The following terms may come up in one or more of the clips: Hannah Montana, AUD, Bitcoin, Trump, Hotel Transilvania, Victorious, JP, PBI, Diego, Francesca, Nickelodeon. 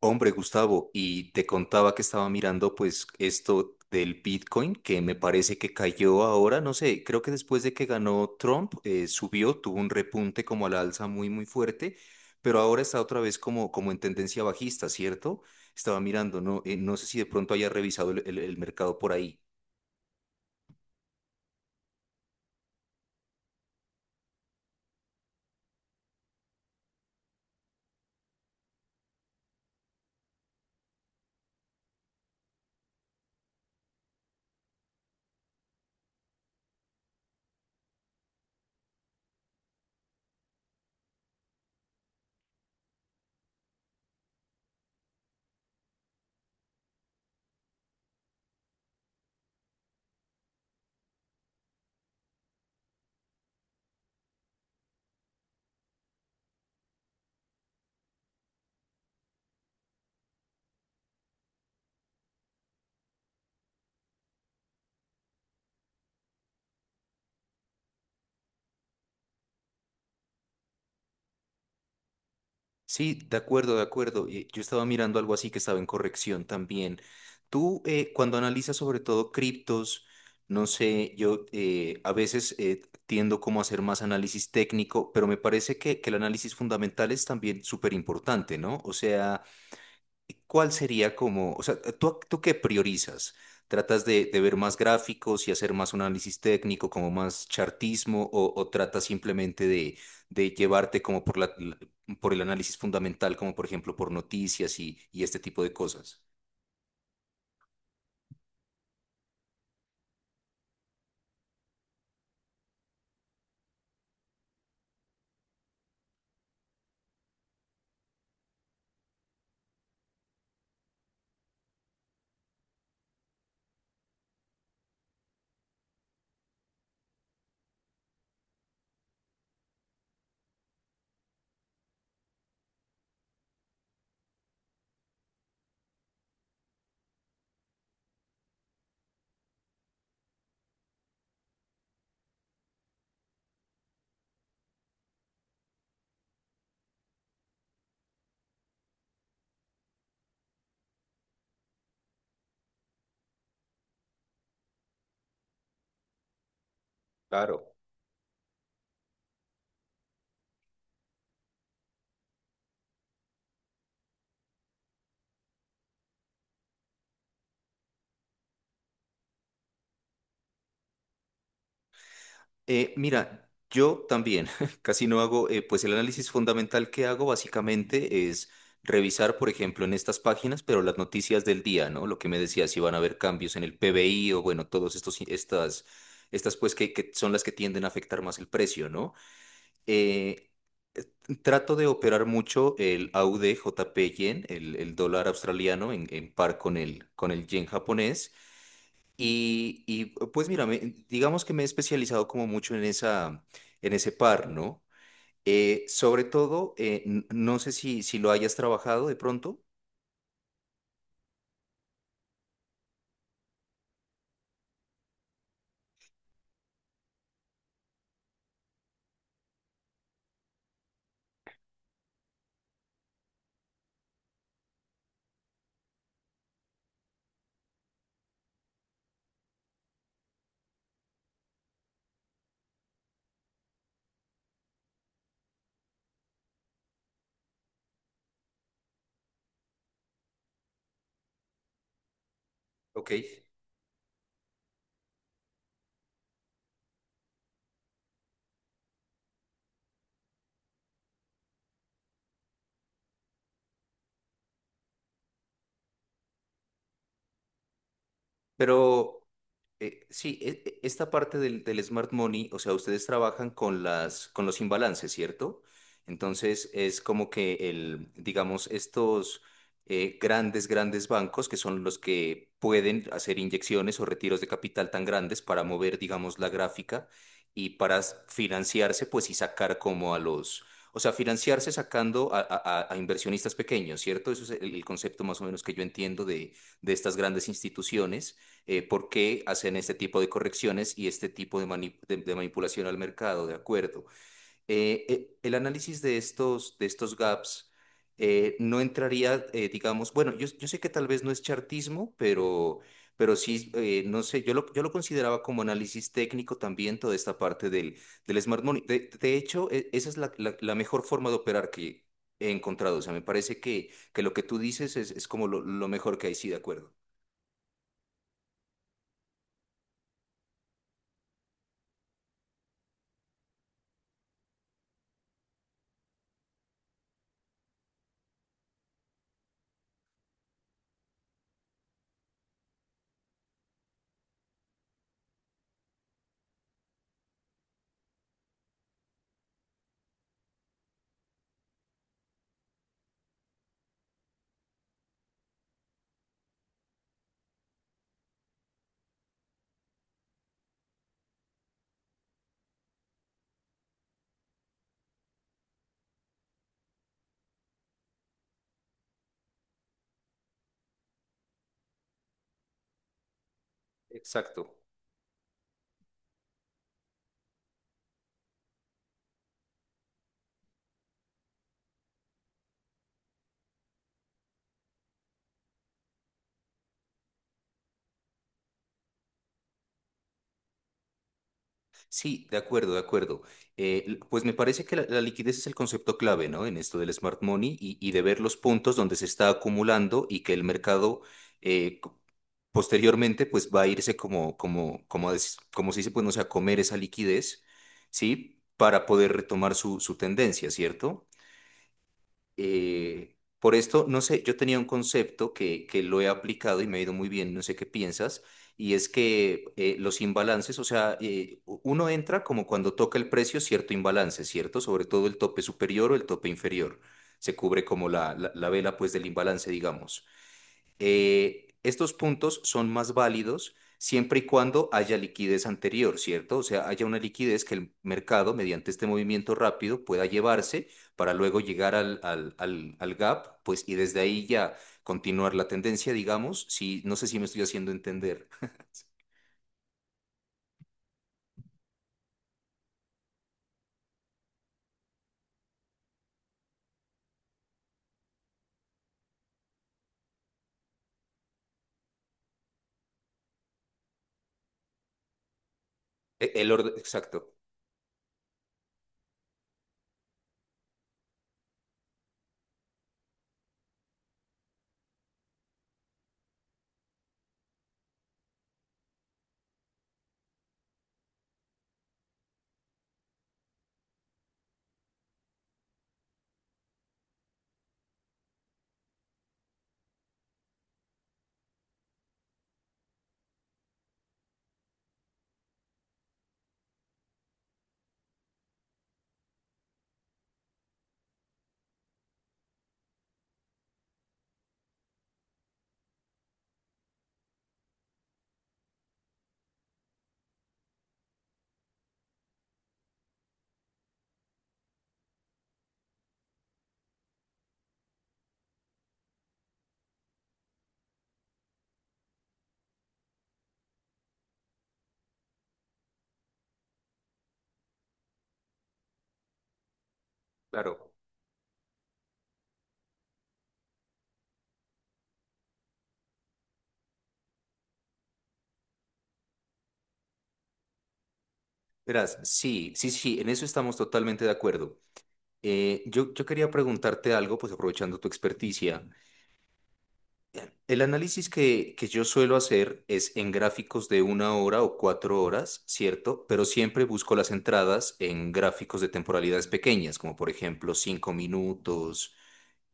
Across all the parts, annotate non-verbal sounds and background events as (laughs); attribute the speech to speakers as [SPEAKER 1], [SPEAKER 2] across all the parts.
[SPEAKER 1] Hombre, Gustavo, y te contaba que estaba mirando pues esto del Bitcoin, que me parece que cayó ahora, no sé, creo que después de que ganó Trump, subió, tuvo un repunte como a la alza muy, muy fuerte, pero ahora está otra vez como en tendencia bajista, ¿cierto? Estaba mirando, no, no sé si de pronto haya revisado el mercado por ahí. Sí, de acuerdo, de acuerdo. Yo estaba mirando algo así que estaba en corrección también. Tú, cuando analizas sobre todo criptos, no sé, yo a veces tiendo como a hacer más análisis técnico, pero me parece que el análisis fundamental es también súper importante, ¿no? O sea, ¿cuál sería como, o sea, tú qué priorizas? ¿Tratas de ver más gráficos y hacer más un análisis técnico, como más chartismo, o tratas simplemente de llevarte como por la por el análisis fundamental, como por ejemplo por noticias y este tipo de cosas? Claro. Mira, yo también (laughs) casi no hago, pues el análisis fundamental que hago básicamente es revisar, por ejemplo, en estas páginas, pero las noticias del día, ¿no? Lo que me decía, si van a haber cambios en el PBI o bueno, todos estos, estas, estas pues que son las que tienden a afectar más el precio, ¿no? Eh, trato de operar mucho el AUD JP Yen, el dólar australiano en par con el yen japonés. Y, pues mira, digamos que me he especializado como mucho en esa, en ese par, ¿no? Sobre todo, no sé si, si lo hayas trabajado de pronto. Ok. Pero sí, esta parte del, del smart money, o sea, ustedes trabajan con las, con los imbalances, ¿cierto? Entonces es como que el, digamos, estos grandes, grandes bancos que son los que pueden hacer inyecciones o retiros de capital tan grandes para mover, digamos, la gráfica y para financiarse, pues y sacar como a los, o sea, financiarse sacando a, a inversionistas pequeños, ¿cierto? Eso es el concepto más o menos que yo entiendo de estas grandes instituciones por qué hacen este tipo de correcciones y este tipo de, de manipulación al mercado, ¿de acuerdo? El análisis de estos gaps no entraría, digamos, bueno, yo sé que tal vez no es chartismo, pero sí, no sé, yo lo consideraba como análisis técnico también toda esta parte del, del smart money. De hecho, esa es la, la mejor forma de operar que he encontrado. O sea, me parece que lo que tú dices es como lo mejor que hay, sí, de acuerdo. Exacto. Sí, de acuerdo, de acuerdo. Pues me parece que la liquidez es el concepto clave, ¿no? En esto del smart money y de ver los puntos donde se está acumulando y que el mercado eh, co- posteriormente pues va a irse como, como, como, como se dice, pues no sé, a comer esa liquidez, ¿sí? Para poder retomar su, su tendencia, ¿cierto? Por esto, no sé, yo tenía un concepto que lo he aplicado y me ha ido muy bien, no sé qué piensas, y es que los imbalances, o sea, uno entra como cuando toca el precio cierto imbalance, ¿cierto? Sobre todo el tope superior o el tope inferior. Se cubre como la vela pues del imbalance, digamos. Estos puntos son más válidos siempre y cuando haya liquidez anterior, ¿cierto? O sea, haya una liquidez que el mercado, mediante este movimiento rápido, pueda llevarse para luego llegar al, al, al, al gap, pues, y desde ahí ya continuar la tendencia, digamos, si, no sé si me estoy haciendo entender. (laughs) El orden, exacto, claro. Verás, sí, sí, sí, en eso estamos totalmente de acuerdo. Yo quería preguntarte algo, pues aprovechando tu experticia. El análisis que yo suelo hacer es en gráficos de una hora o cuatro horas, ¿cierto? Pero siempre busco las entradas en gráficos de temporalidades pequeñas, como por ejemplo cinco minutos,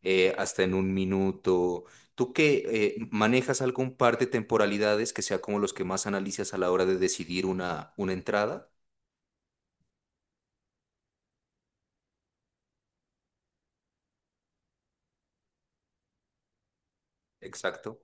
[SPEAKER 1] hasta en un minuto. ¿Tú que manejas algún par de temporalidades que sea como los que más analizas a la hora de decidir una entrada? Exacto.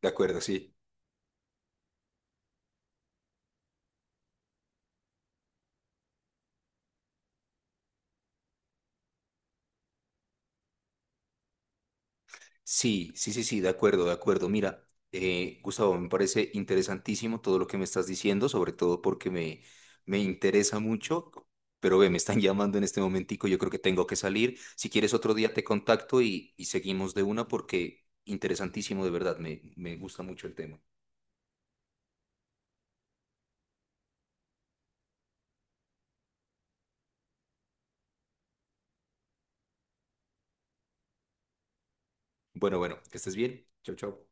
[SPEAKER 1] De acuerdo, sí. Sí, sí, sí, sí, de acuerdo, de acuerdo. Mira, Gustavo, me parece interesantísimo todo lo que me estás diciendo, sobre todo porque me interesa mucho, pero ve, me están (laughs) llamando en este momentico, yo creo que tengo que salir. Si quieres otro día te contacto y seguimos de una porque interesantísimo, de verdad, me gusta mucho el tema. Bueno, bueno, que estés bien. Chao, chao.